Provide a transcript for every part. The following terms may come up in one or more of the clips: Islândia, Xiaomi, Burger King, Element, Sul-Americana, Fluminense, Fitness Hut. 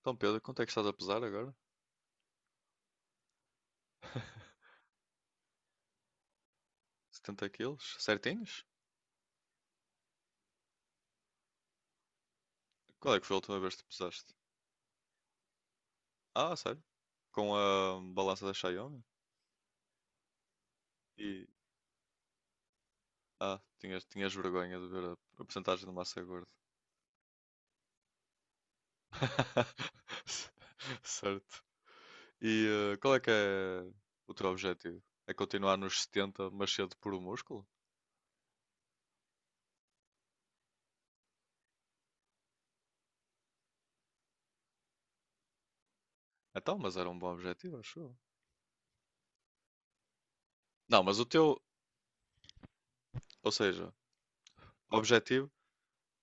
Então, Pedro, quanto é que estás a pesar agora? 70 quilos? Certinhos? Qual é que foi a última vez que te pesaste? Ah, sério? Com a balança da Xiaomi? E. Ah, tinhas vergonha de ver a porcentagem de massa gorda. Certo. E qual é que é o teu objetivo? É continuar nos 70, mas cedo por um músculo? Então, mas era um bom objetivo, acho eu. Não, mas o teu, ou seja, o objetivo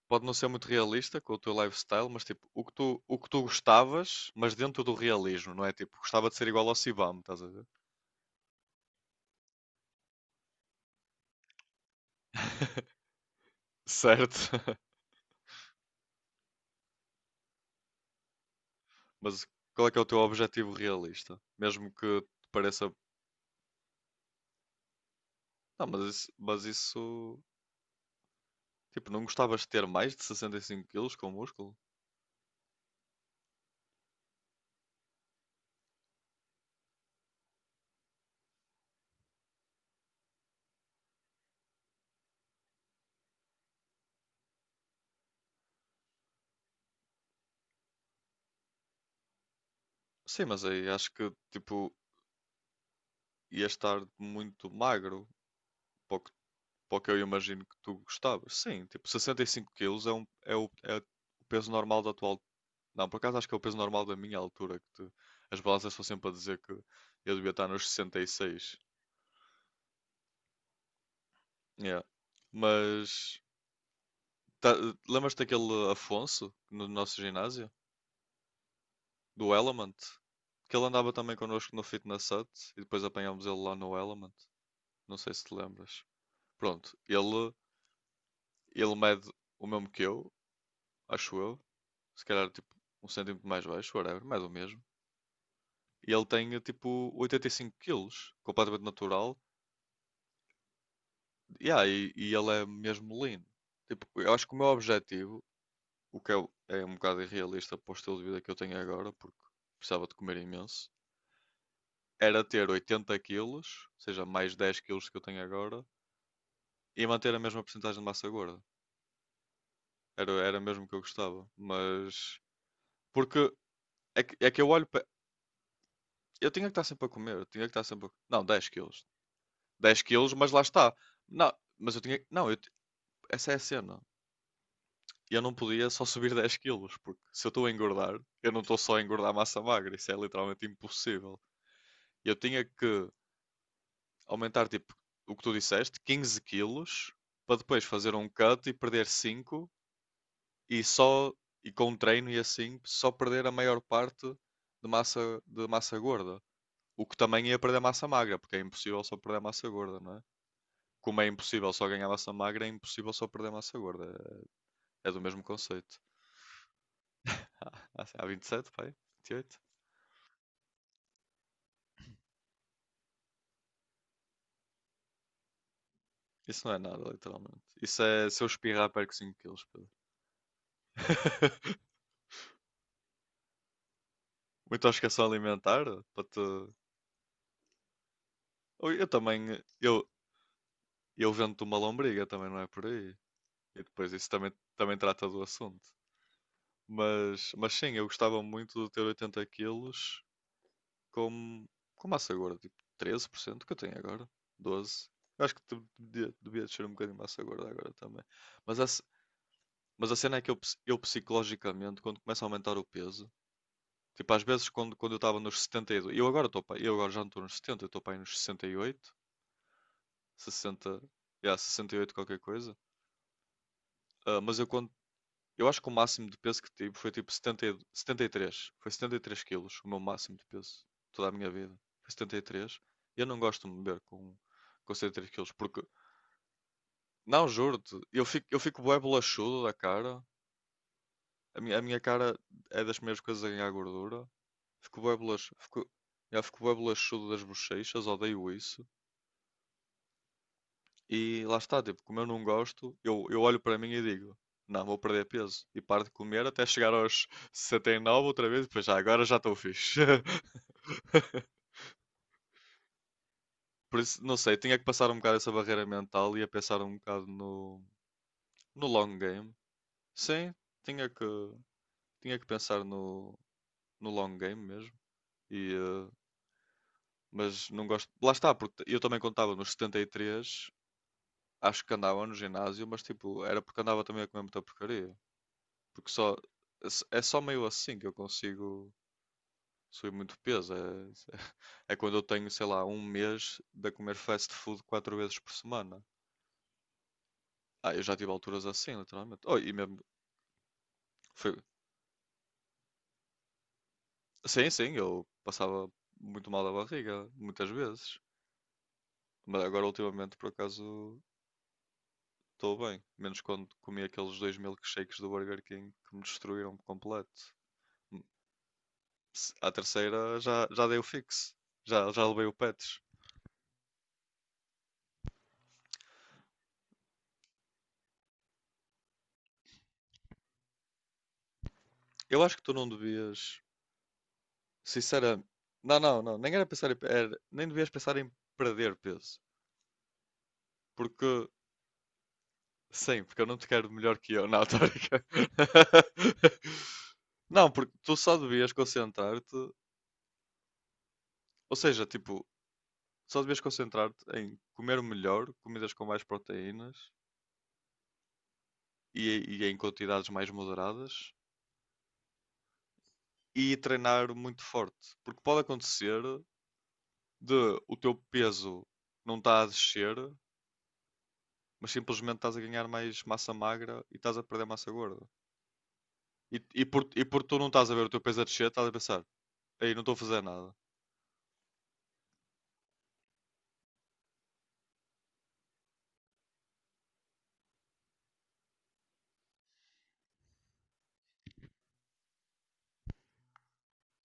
pode não ser muito realista com o teu lifestyle, mas tipo, o que tu gostavas, mas dentro do realismo, não é? Tipo, gostava de ser igual ao Sibam, estás a ver? Certo. Mas qual é que é o teu objetivo realista? Mesmo que te pareça. Não, mas isso, mas isso. Tipo, não gostavas de ter mais de 65 quilos com músculo? Sim, mas aí acho que, tipo, ia estar muito magro. Pouco para o que eu imagino que tu gostavas. Sim, tipo, 65 quilos é, um, é, o, é o peso normal da tua altura. Não, por acaso acho que é o peso normal da minha altura, que te- as balanças estão sempre a dizer que eu devia estar nos sessenta e seis. Yeah. Mas tá- lembras-te daquele Afonso no nosso ginásio? Do Element? Que ele andava também connosco no Fitness Hut e depois apanhámos ele lá no Element. Não sei se te lembras. Pronto, ele mede o mesmo que eu, acho eu, se calhar tipo um centímetro mais baixo, whatever, mais ou mesmo. E ele tem tipo 85 quilos, completamente natural. Yeah, e ele é mesmo lean. Tipo, eu acho que o meu objetivo, o que é, é um bocado irrealista para o estilo de vida que eu tenho agora, porque precisava de comer imenso, era ter 80 quilos, ou seja, mais 10 quilos que eu tenho agora, e manter a mesma porcentagem de massa gorda. Era, era mesmo que eu gostava. Mas. Porque é que eu olho para. Eu tinha que estar sempre a comer, eu tinha que estar sempre a... Não, 10 quilos. Dez quilos, mas lá está. Não, mas eu tinha. Não, eu essa é a cena. Eu não podia só subir 10 quilos, porque se eu estou a engordar, eu não estou só a engordar massa magra. Isso é literalmente impossível. Eu tinha que aumentar, tipo, o que tu disseste, 15 quilos, para depois fazer um cut e perder cinco e só. E com o treino e assim, só perder a maior parte de massa gorda. O que também ia perder massa magra, porque é impossível só perder massa gorda, não é? Como é impossível só ganhar massa magra, é impossível só perder massa gorda. É do mesmo conceito. Há, há 27, pai? 28? Isso não é nada, literalmente. Isso é se eu espirrar, perco 5 quilos, Pedro. Muita obsessão alimentar, para te... Ou eu também, eu, eu vendo-te uma lombriga, também não é por aí. E depois isso também, também trata do assunto. Mas sim, eu gostava muito de ter 80 quilos com, com massa gorda, tipo 13% que eu tenho agora, 12%. Eu acho que tu devia, devia descer um bocadinho de massa gorda agora também. Mas a, mas a cena é que eu psicologicamente, quando começa a aumentar o peso, tipo às vezes quando, quando eu estava nos 72 eu agora, tô, eu agora já não estou nos setenta, eu estou para aí nos 68, sessenta, yeah, 68 qualquer coisa. Ah, mas eu quando eu acho que o máximo de peso que tive foi tipo 70, e- 73. Foi 73 quilos, o meu máximo de peso. Toda a minha vida. Foi 73. E três. E eu não gosto de me ver com 73 quilos. Porque, não, juro-te, eu fico bué bolachudo da cara. A minha cara é das primeiras coisas a ganhar gordura. Fico bué bolachudo. Fico, eu fico bué bolachudo das bochechas. Odeio isso. E lá está, tipo, como eu não gosto, eu olho para mim e digo, não, vou perder peso. E paro de comer até chegar aos 69 outra vez, e depois já, agora já estou fixe. Por isso, não sei, tinha que passar um bocado essa barreira mental e a pensar um bocado no, no long game. Sim, tinha que, tinha que pensar no, no long game mesmo. E, mas não gosto. Lá está, porque eu também contava nos setenta e três, acho que andava no ginásio, mas tipo, era porque andava também a comer muita porcaria. Porque só, é só meio assim que eu consigo subir muito peso. É, é quando eu tenho, sei lá, um mês de a comer fast food quatro vezes por semana. Ah, eu já tive alturas assim, literalmente. Oh, e mesmo, foi, sim, sim, eu passava muito mal da barriga, muitas vezes. Mas agora, ultimamente, por acaso, estou bem. Menos quando comi aqueles dois milkshakes do Burger King que me destruíram por completo. Hum, se- À terceira já, já dei o fixe. Já, já levei o pets. Eu acho que tu não devias. Sinceramente, não, não, não, nem era pensar em, era- nem devias pensar em perder peso, porque sim, porque eu não te quero melhor que eu, não, tô a brincar. Não, porque tu só devias concentrar-te, ou seja, tipo, só devias concentrar-te em comer melhor, comidas com mais proteínas e em quantidades mais moderadas e treinar muito forte, porque pode acontecer de o teu peso não está a descer, mas simplesmente estás a ganhar mais massa magra e estás a perder massa gorda. E por tu não estás a ver o teu peso a descer, estás a pensar, aí não estou a fazer nada.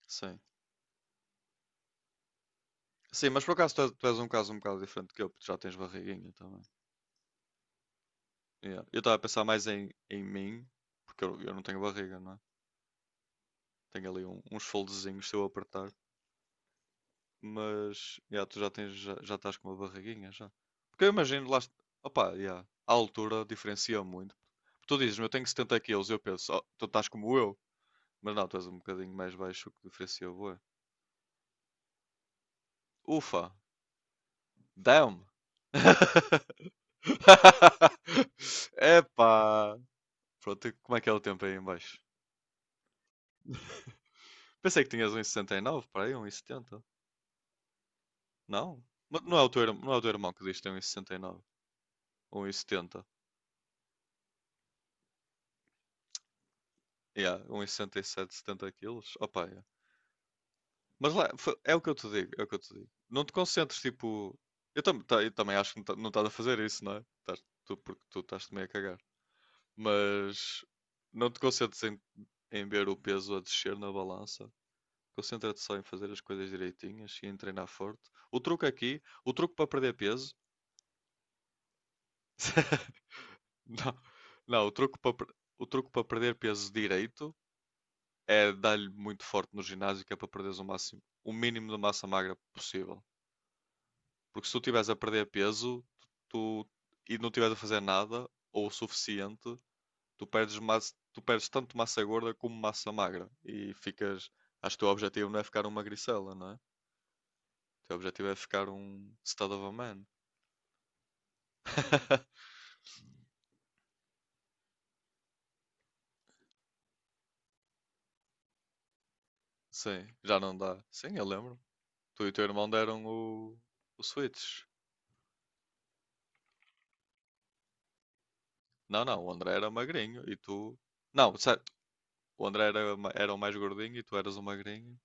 Sim. Sim, mas por acaso tu és um caso um bocado diferente que eu, porque tu já tens barriguinha também. Yeah. Eu estava a pensar mais em, em mim, porque eu não tenho barriga, não é? Tenho ali um- uns foldezinhos se eu apertar, mas yeah, tu já tens, já, já estás com uma barriguinha já. Porque eu imagino lá, opá, yeah, a altura diferencia muito. Tu dizes eu tenho 70 quilos, eu penso, "Oh, tu estás como eu, mas não, tu és um bocadinho mais baixo, o que diferencia, bué. Ufa, damn! Epá! Pronto, e como é que é o tempo aí em baixo? Pensei que tinhas um e sessenta e nove para aí, um e setenta. Não? Mas não é o teu, irm- não é o teu irmão que diz que tem 1,69? 1,70. Yeah, um e sessenta e sete setenta quilos. Opa, yeah. Mas lá, fa- é o que eu te digo, é o que eu te digo. Não te concentres, tipo... Eu, tam ta- eu também acho que não ta- não estás a fazer isso, não é? Tás- tu, porque tu estás-te meio a cagar. Mas não te concentres em, em ver o peso a descer na balança. Concentra-te só em fazer as coisas direitinhas e em treinar forte. O truque aqui, o truque para perder peso. Não, não, o truque para, per- o truque para perder peso direito é dar-lhe muito forte no ginásio, que é para perderes o máximo, o mínimo de massa magra possível. Porque se tu estiveres a perder peso, tu, e não estiveres a fazer nada, ou o suficiente, tu perdes, massa, tu perdes tanto massa gorda como massa magra. E ficas. Acho que o teu objetivo não é ficar uma magricela, não é? O teu objetivo é ficar um stud of a man. Sim, já não dá. Sim, eu lembro. Tu e o teu irmão deram o Switch. Não, não, o André era magrinho e tu. Não, sério, o André era, ma- era o mais gordinho e tu eras o magrinho.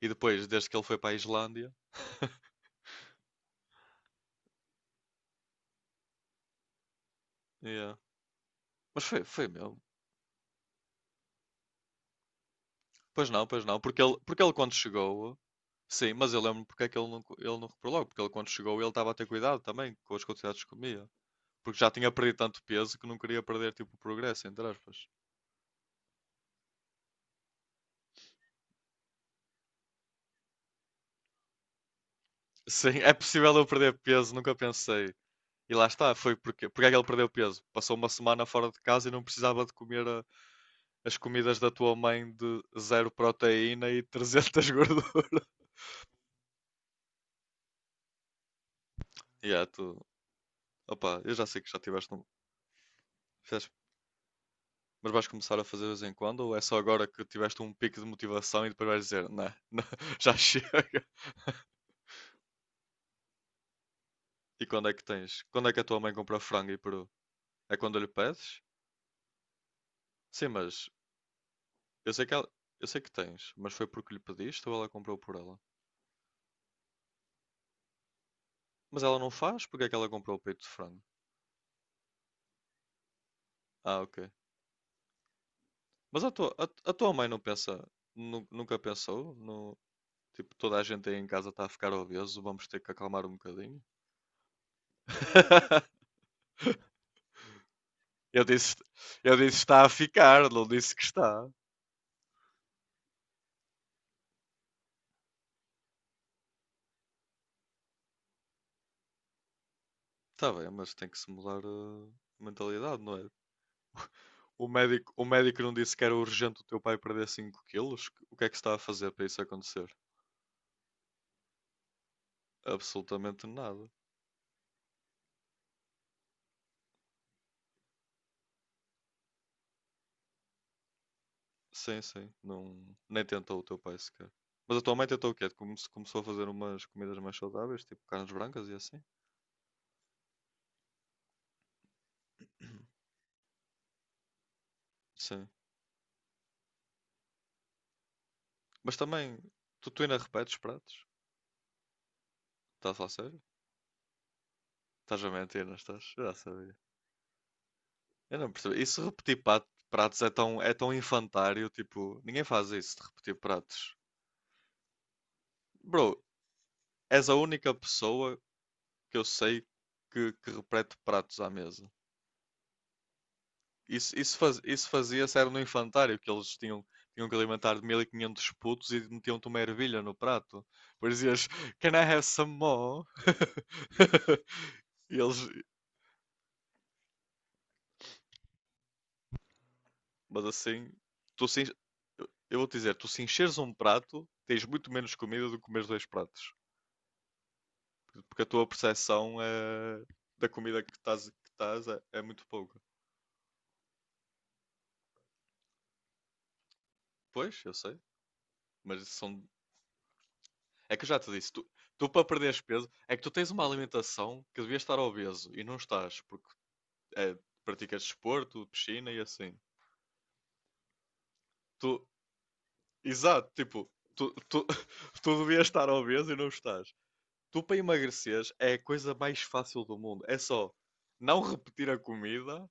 E depois, desde que ele foi para a Islândia. Yeah. Mas foi, foi mesmo. Pois não, pois não. Porque ele quando chegou. Sim, mas eu lembro porque é que ele não, co- ele não reparou logo. Porque ele quando chegou ele estava a ter cuidado também com as quantidades que comia. Porque já tinha perdido tanto peso que não queria perder tipo o progresso, entre aspas. Sim, é possível eu perder peso, nunca pensei. E lá está, foi porque, porque é que ele perdeu peso? Passou uma semana fora de casa e não precisava de comer a- as comidas da tua mãe de zero proteína e 300 gordura. E é, tu, opa, eu já sei que já tiveste um. Fizeste- mas vais começar a fazer de vez em quando ou é só agora que tiveste um pico de motivação e depois vais dizer, não, não, já chega. E quando é que tens? Quando é que a tua mãe compra frango e peru? É quando lhe pedes? Sim, mas eu sei que ela, eu sei que tens, mas foi porque lhe pediste ou ela comprou por ela? Mas ela não faz? Porque é que ela comprou o peito de frango? Ah, ok. Mas a tua mãe não pensa, nunca pensou no, tipo, toda a gente aí em casa está a ficar obeso, vamos ter que acalmar um bocadinho? Eu disse, eu disse está a ficar, não disse que está. Está bem, mas tem que se mudar a mentalidade, não é? O médico não disse que era urgente o teu pai perder 5 quilos? O que é que se está a fazer para isso acontecer? Absolutamente nada. Sim, sim. Não, nem tentou o teu pai sequer. Mas a tua mãe tentou o quê? Começou a fazer umas comidas mais saudáveis, tipo carnes brancas e assim? Sim. Mas também, tu ainda repetes pratos? Estás a sério? Estás a mentir, não estás? Eu já sabia. Eu não percebi. E se repetir pratos é tão infantário, tipo, ninguém faz isso de repetir pratos. Bro, és a única pessoa que eu sei que repete pratos à mesa. Isso, isso fazia-se era no infantário, que eles tinham, tinham que alimentar 1500 putos e metiam-te uma ervilha no prato. Depois dizias, can I have some more? E eles, mas assim, tu se eu vou te dizer, tu se encheres um prato, tens muito menos comida do que comeres dois pratos. Porque a tua percepção é da comida que estás é, é muito pouca. Pois, eu sei, mas são. É que eu já te disse, tu, tu para perderes peso, é que tu tens uma alimentação que devias estar obeso e não estás, porque é, praticas desporto, piscina e assim. Tu, exato, tipo, tu, tu, tu devias estar obeso e não estás. Tu para emagreceres é a coisa mais fácil do mundo. É só não repetir a comida,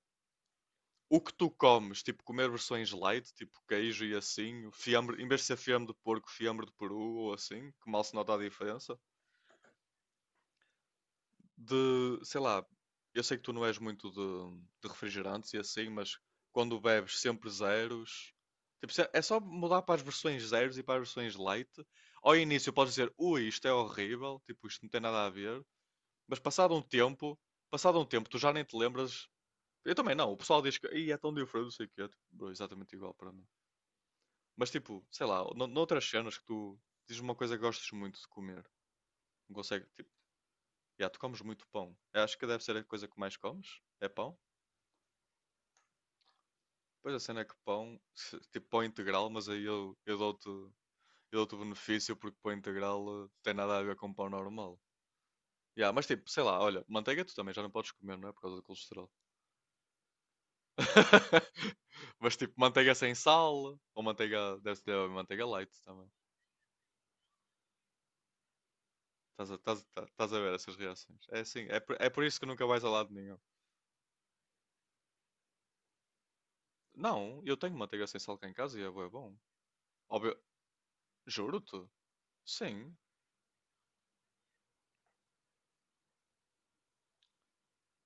o que tu comes, tipo comer versões light, tipo queijo e assim, fiambre, em vez de ser fiambre de porco, fiambre de peru ou assim, que mal se nota a diferença. De, sei lá, eu sei que tu não és muito de refrigerantes e assim, mas quando bebes sempre zeros, tipo, é é só mudar para as versões zeros e para as versões light. Ao início podes dizer, ui, isto é horrível, tipo, isto não tem nada a ver, mas passado um tempo, tu já nem te lembras. Eu também não, o pessoal diz que "Ih, é tão diferente, não sei o quê", tipo, bro, exatamente igual para mim. Mas tipo, sei lá, noutras cenas que tu dizes uma coisa que gostas muito de comer, não consegue, tipo, já, tu comes muito pão. Eu acho que deve ser a coisa que mais comes. É pão? Pois a cena é que pão, tipo pão integral, mas aí eu, eu dou-te o benefício porque pão integral tem nada a ver com pão normal. Já, mas tipo, sei lá, olha, manteiga tu também já não podes comer, não é? Por causa do colesterol. Mas tipo, manteiga sem sal, ou manteiga, deve ser manteiga light também. Estás a ver essas reações. É assim, é por isso que nunca vais a lado nenhum. Não, eu tenho manteiga sem sal cá em casa e é bué bom. Óbvio, juro-te. Sim,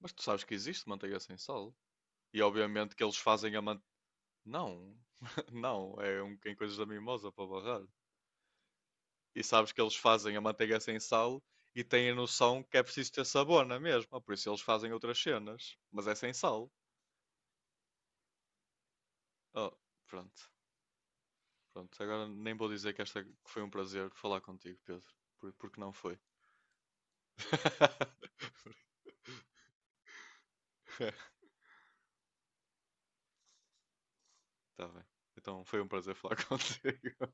mas tu sabes que existe manteiga sem sal. E obviamente que eles fazem a manteiga. Não, não, é um em coisas da mimosa para barrar. E sabes que eles fazem a manteiga sem sal e têm a noção que é preciso ter sabor na mesma, por isso eles fazem outras cenas, mas é sem sal. Oh, pronto, pronto. Agora nem vou dizer que esta que foi um prazer falar contigo, Pedro, porque não foi. Tá bem. Então foi um prazer falar contigo.